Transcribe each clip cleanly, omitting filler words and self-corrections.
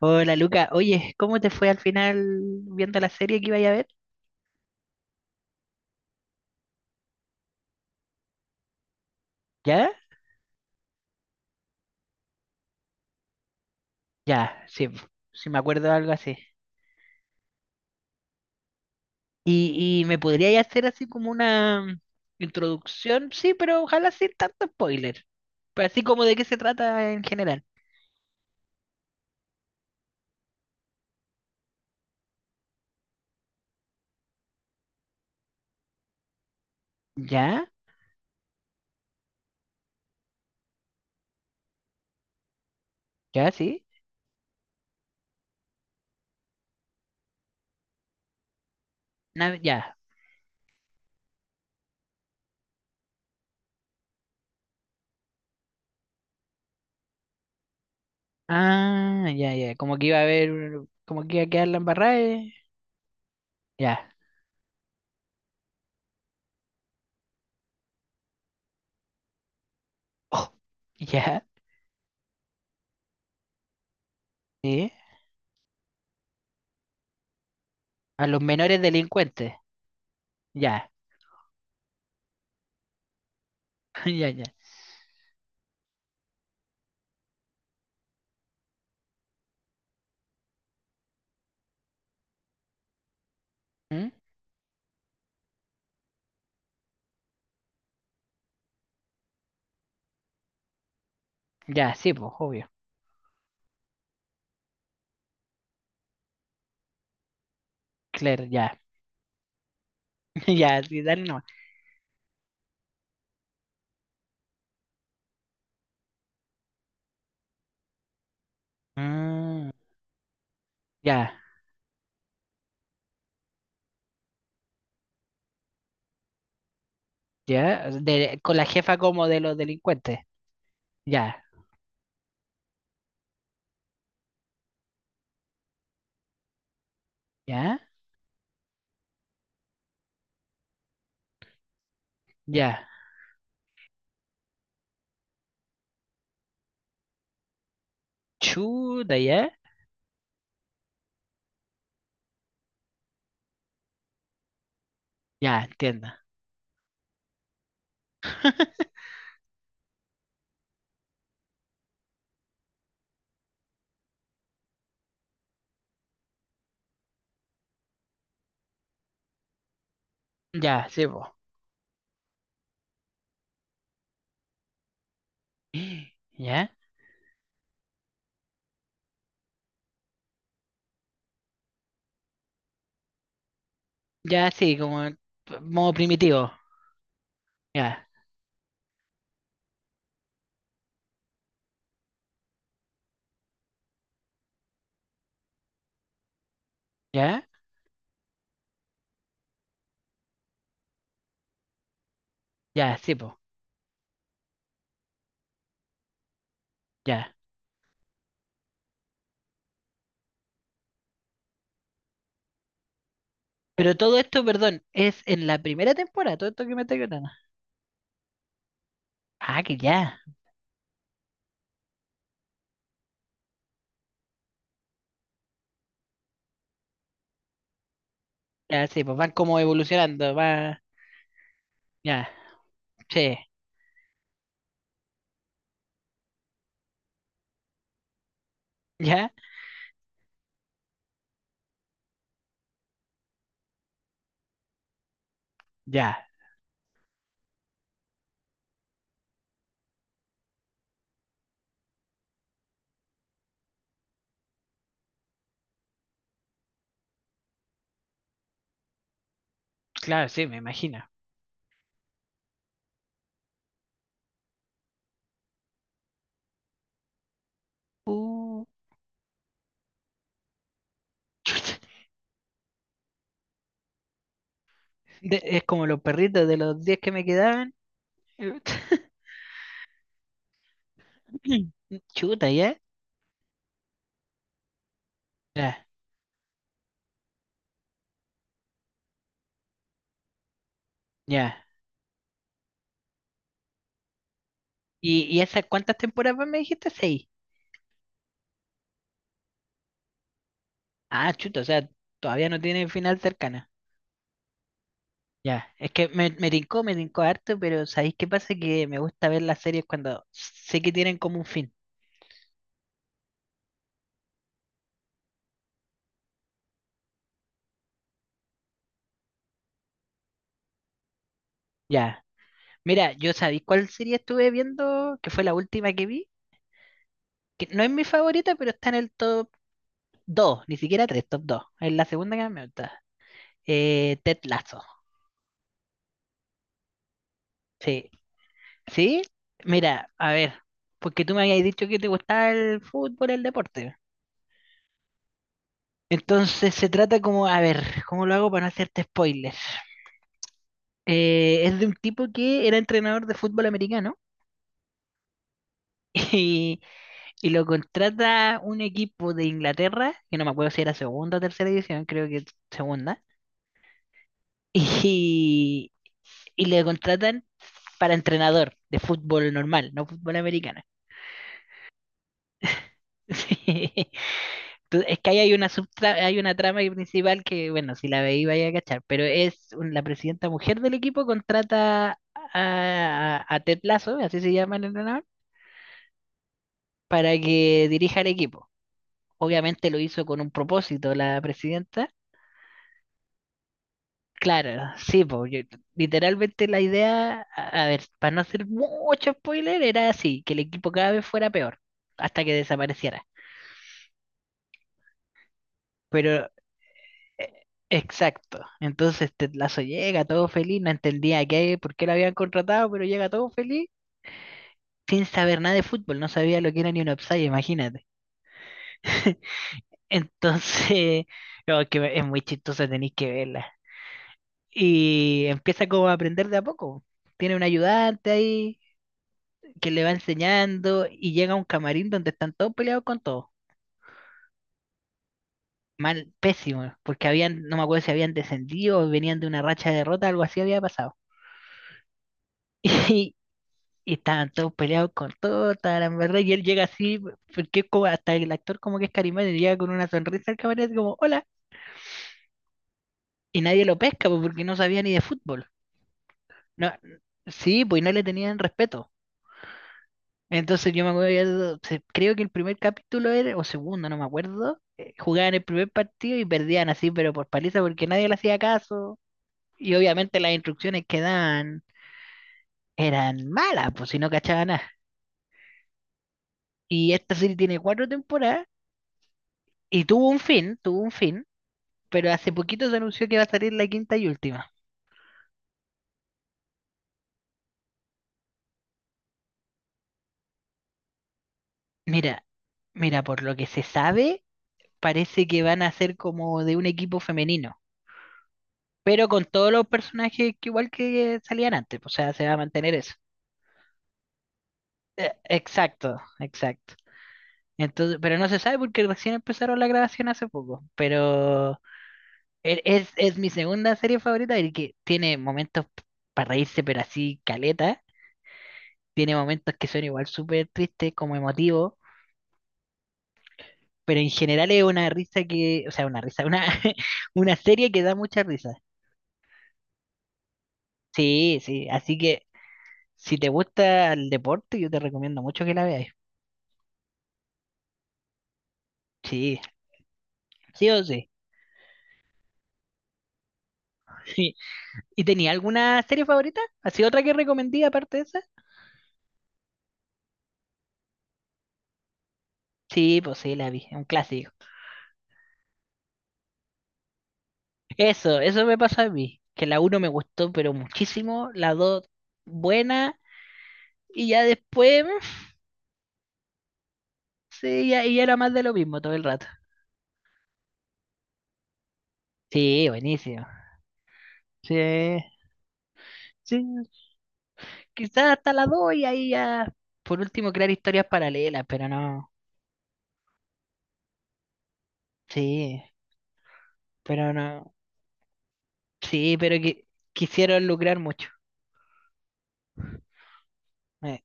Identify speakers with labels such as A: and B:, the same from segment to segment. A: Hola Luca, oye, ¿cómo te fue al final viendo la serie que iba a ver? ¿Ya? Ya, sí, po, sí me acuerdo de algo así. ¿Y me podrías hacer así como una introducción? Sí, pero ojalá sin tanto spoiler. Pero así como de qué se trata en general. ¿Ya? ¿Ya? ¿Sí? Ya. Ah, ya, ya. Como que iba a haber, como que iba a quedar la embarrada. Ya. Oh, ya. ¿Sí? A los menores delincuentes. Ya. Ya, ya. ¿Mm? Ya, sí, pues, obvio. Claro, ya, ya, sí, dale nomás. Mm, ya, ya, con la jefa como de los delincuentes. Ya, ya, ya. Chuta, ya, ya, entiendo. Ya, sí, po. Ya, ya, sí, como en modo primitivo. Ya, ya, ya, sí, po. Ya. Pero todo esto, perdón, es en la primera temporada, todo esto que me está contando. Ah, que ya. Ya, sí, pues van como evolucionando, va. Ya, sí, ya, ya. Claro, sí, me imagino. Uh. Es como los perritos de los 10 que me quedaban. Chuta, ¿ya? Ya, ya. ¿Y esas cuántas temporadas más me dijiste? Seis. Ah, chuta, o sea, todavía no tiene final cercana. Ya, es que me tincó, me tincó harto, pero ¿sabéis qué pasa? Que me gusta ver las series cuando sé que tienen como un fin. Ya. Mira, yo sabéis cuál serie estuve viendo, que fue la última que vi, que no es mi favorita, pero está en el top dos, ni siquiera 3, top dos. Es la segunda que más me gusta. Ted Lasso. Sí. ¿Sí? Mira, a ver, porque tú me habías dicho que te gustaba el fútbol, el deporte. Entonces se trata como, a ver, ¿cómo lo hago para no hacerte spoilers? Es de un tipo que era entrenador de fútbol americano y, y lo contrata un equipo de Inglaterra, que no me acuerdo si era segunda o tercera división, creo que segunda, y, y le contratan para entrenador de fútbol normal, no fútbol americano. Sí. Es que ahí hay una hay una trama ahí principal que, bueno, si la veí vaya a cachar, pero la presidenta mujer del equipo contrata a, a Ted Lasso, así se llama el entrenador, para que dirija el equipo. Obviamente lo hizo con un propósito la presidenta. Claro, sí, porque literalmente la idea, a ver, para no hacer mucho spoiler, era así, que el equipo cada vez fuera peor, hasta que desapareciera. Pero E- Exacto. Entonces Tetlazo llega todo feliz, no entendía qué, por qué lo habían contratado, pero llega todo feliz sin saber nada de fútbol, no sabía lo que era ni un offside, imagínate. Entonces, no, es que es muy chistosa, tenéis que verla. Y empieza como a aprender de a poco. Tiene un ayudante ahí que le va enseñando y llega a un camarín donde están todos peleados con todos. Mal, pésimo, porque habían, no me acuerdo si habían descendido o venían de una racha de derrota, algo así había pasado. Y, y estaban todos peleados con todo, la verdad, y él llega así, porque es como hasta el actor como que es carismático, llega con una sonrisa al camarero como, hola, y nadie lo pesca pues, porque no sabía ni de fútbol. No, sí, pues no le tenían respeto. Entonces yo me acuerdo, creo que el primer capítulo era, o segundo, no me acuerdo, jugaban el primer partido y perdían así, pero por paliza porque nadie le hacía caso. Y obviamente las instrucciones que daban eran malas, pues si no cachaban nada. Y esta serie tiene cuatro temporadas y tuvo un fin, tuvo un fin, pero hace poquito se anunció que va a salir la quinta y última. Mira, mira, por lo que se sabe, parece que van a ser como de un equipo femenino, pero con todos los personajes que igual que salían antes, o sea, se va a mantener eso. Exacto, exacto. Entonces, pero no se sabe porque recién empezaron la grabación hace poco, pero es mi segunda serie favorita y que tiene momentos para reírse, pero así caleta, tiene momentos que son igual súper tristes, como emotivos, pero en general es una risa que, o sea, una risa, una, una serie que da mucha risa. Sí, sí, así que si te gusta el deporte, yo te recomiendo mucho que la veas. Sí, sí o sí. Sí. ¿Y tenía alguna serie favorita? ¿Así otra que recomendé aparte de esa? Sí, pues sí, la vi, un clásico. Eso me pasó a mí, que la uno me gustó, pero muchísimo, la 2 buena, y ya después, mm, sí, ya, y era más de lo mismo todo el rato. Sí, buenísimo. Sí, sí, quizás hasta la 2 y ahí ya, por último, crear historias paralelas, pero no, sí, pero no, sí, pero que quisieron lucrar mucho. eh.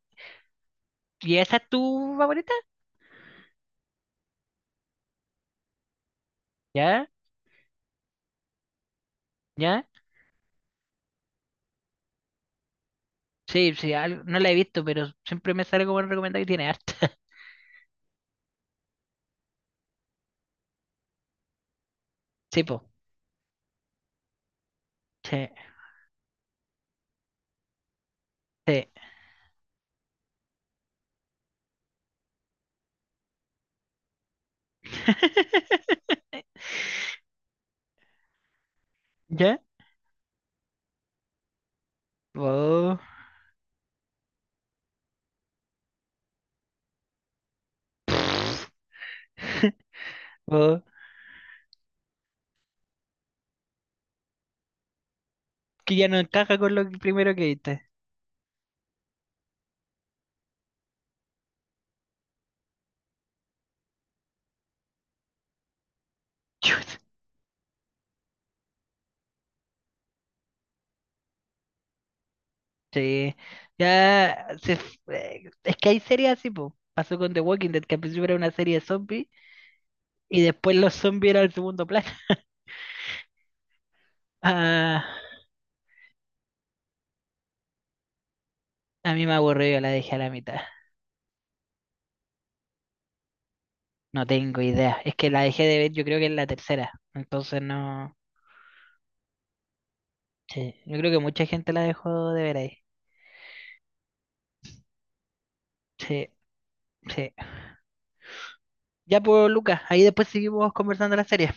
A: ¿Y esa es tu favorita? ¿Ya? ¿Ya? Sí, sí, no la he visto, pero siempre me sale como recomendado y tiene harta. Sí, po, sí, sí. ¿Ya? Oh, oh, que ya no encaja con primero que viste. Chut. Sí, ya se, es que hay series así, po. Pasó con The Walking Dead, que al principio era una serie de zombies y después los zombies eran el segundo plano. Ah, a mí me aburrió, la dejé a la mitad. No tengo idea. Es que la dejé de ver, yo creo que es la tercera. Entonces no. Sí, yo creo que mucha gente la dejó de ver ahí. Sí, sí. Ya pues, Lucas, ahí después seguimos conversando la serie.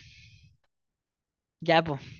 A: Ya pues.